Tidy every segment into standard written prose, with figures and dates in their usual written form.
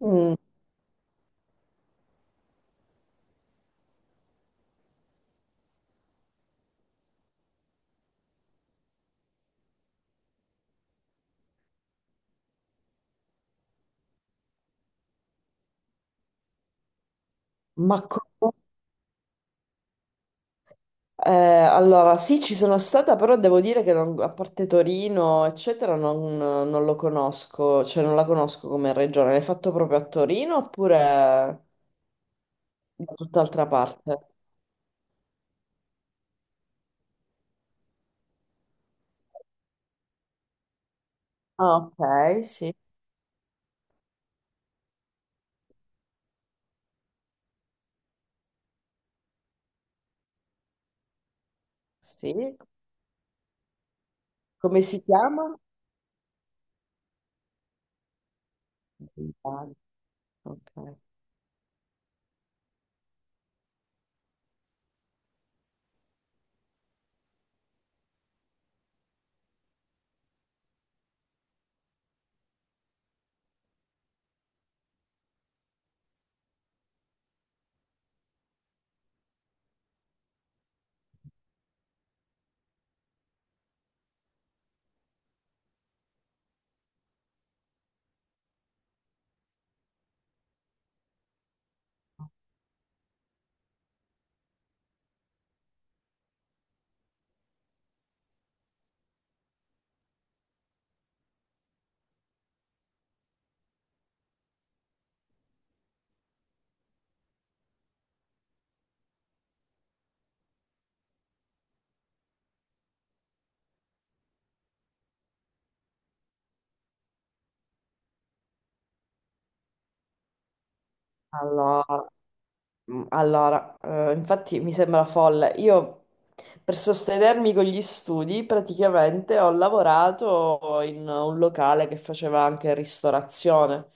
Mm, ma co- allora sì, ci sono stata, però devo dire che a parte Torino, eccetera, non lo conosco, cioè non la conosco come regione. L'hai fatto proprio a Torino oppure da tutt'altra parte? Ah, ok, sì, sì. Come si chiama? Ok. Allora. Allora, infatti mi sembra folle. Io per sostenermi con gli studi praticamente ho lavorato in un locale che faceva anche ristorazione,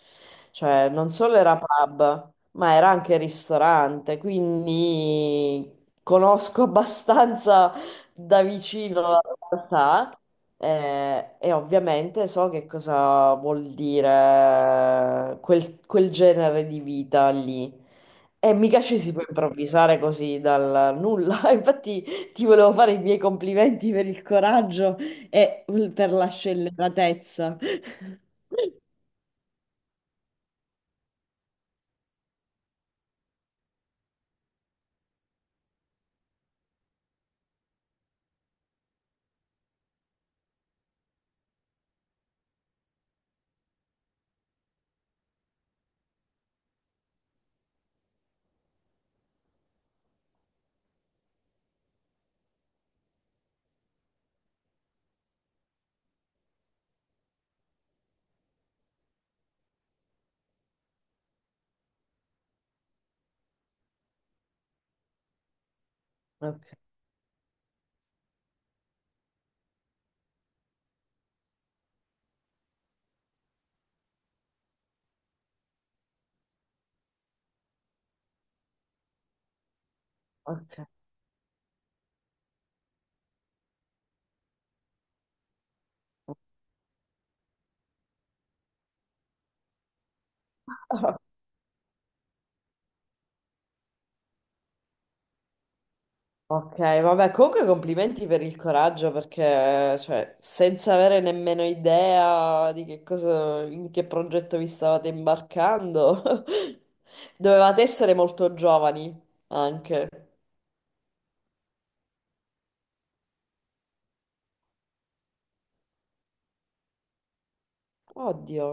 cioè non solo era pub, ma era anche ristorante, quindi conosco abbastanza da vicino la realtà. E ovviamente so che cosa vuol dire quel genere di vita lì. E mica ci si può improvvisare così dal nulla. Infatti ti volevo fare i miei complimenti per il coraggio e per la scelleratezza. Ok, ok. Ok, vabbè, comunque complimenti per il coraggio perché, cioè, senza avere nemmeno idea di che cosa, in che progetto vi stavate imbarcando, dovevate essere molto giovani anche. Oddio,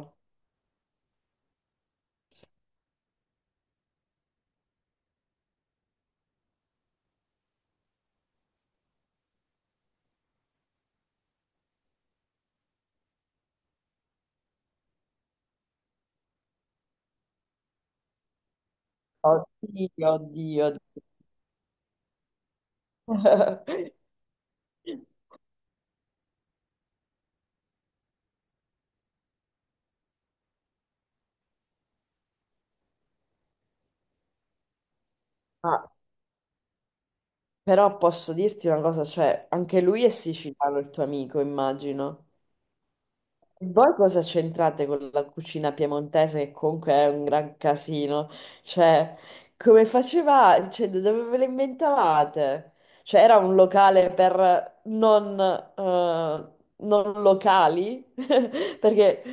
oddio, oddio. Ma però posso dirti una cosa, cioè, anche lui è siciliano, il tuo amico, immagino. E voi cosa c'entrate con la cucina piemontese, che comunque è un gran casino? Cioè, come facevate? Cioè, da dove ve le inventavate? Cioè, era un locale per non, non locali? Perché...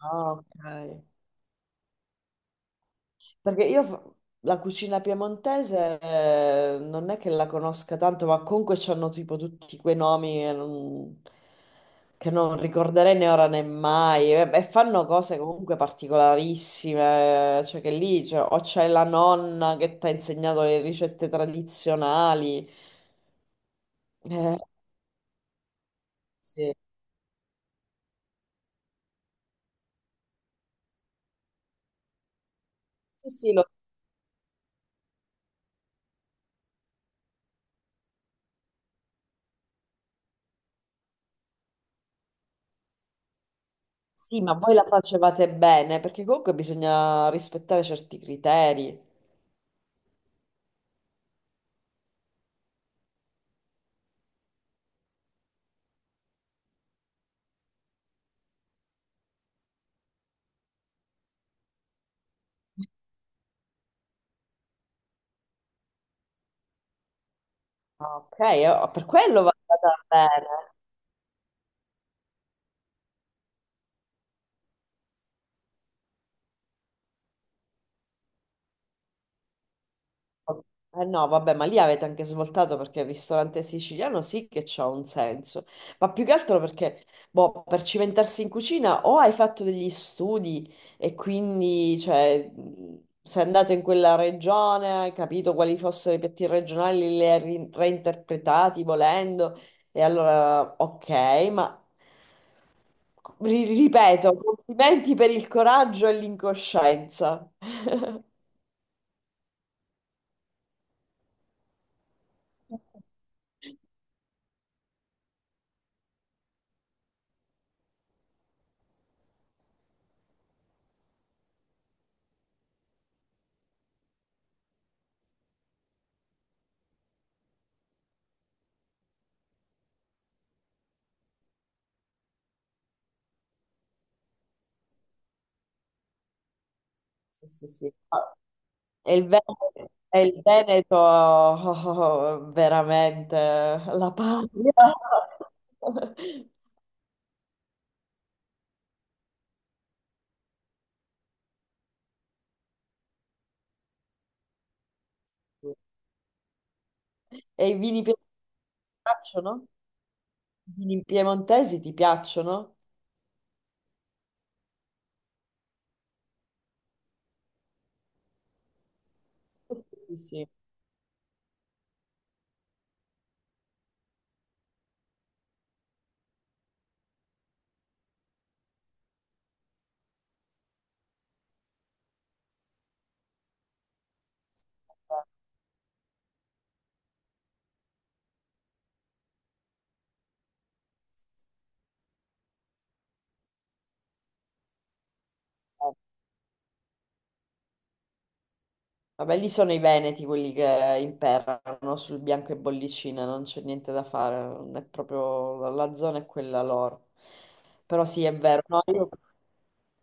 Ah, ok. Perché io fa- la cucina piemontese non è che la conosca tanto, ma comunque c'hanno tipo tutti quei nomi e non- che non, ricorderei né ora né mai. E fanno cose comunque particolarissime, cioè che lì cioè, o c'è la nonna che ti ha insegnato le ricette tradizionali. Eh, sì, sì, sì, sì, ma voi la facevate bene, perché comunque bisogna rispettare certi criteri. Ah, ok, per quello va andata bene. Eh no, vabbè, ma lì avete anche svoltato perché il ristorante siciliano sì che c'ha un senso, ma più che altro perché, boh, per cimentarsi in cucina o hai fatto degli studi e quindi, cioè, sei andato in quella regione, hai capito quali fossero i piatti regionali, li hai reinterpretati volendo, e allora, ok, ma ripeto, complimenti per il coraggio e l'incoscienza. Sì, sì, sì. E il Veneto, e il Veneto, oh, oh, oh, veramente la patria. E i ti piacciono? I vini piemontesi ti piacciono? Sì, sì, sì. Vabbè, lì sono i veneti quelli che imperano sul bianco e bollicina, non c'è niente da fare, non è proprio la zona è quella loro. Però sì, è vero, no, io...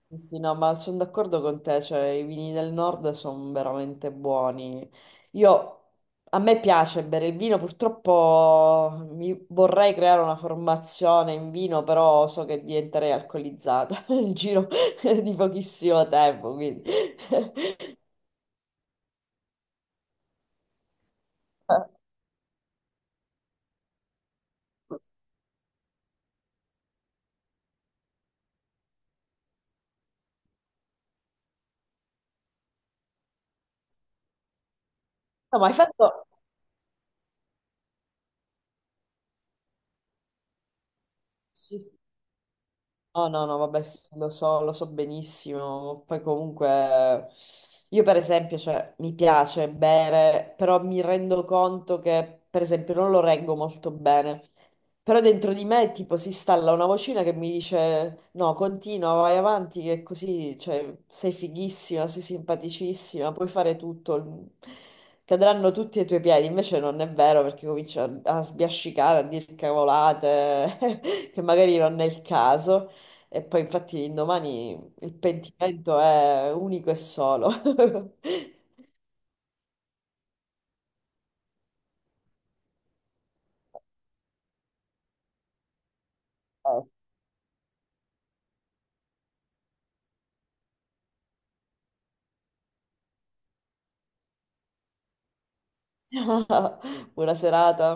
Sì, sì, no, ma sono d'accordo con te, cioè i vini del nord sono veramente buoni. Io, a me piace bere il vino, purtroppo mi vorrei creare una formazione in vino, però so che diventerei alcolizzata nel giro di pochissimo tempo, quindi... No, ma hai fatto... Sì, sì. No, no, no, vabbè, sì, lo so benissimo. Poi comunque, io per esempio, cioè, mi piace bere, però mi rendo conto che, per esempio, non lo reggo molto bene. Però dentro di me, tipo, si installa una vocina che mi dice: No, continua, vai avanti, che così, cioè, sei fighissima, sei simpaticissima, puoi fare tutto. Cadranno tutti ai tuoi piedi. Invece non è vero perché comincio a sbiascicare, a dire cavolate, che magari non è il caso. E poi, infatti, l'indomani il pentimento è unico e solo. Ciao. Buona serata.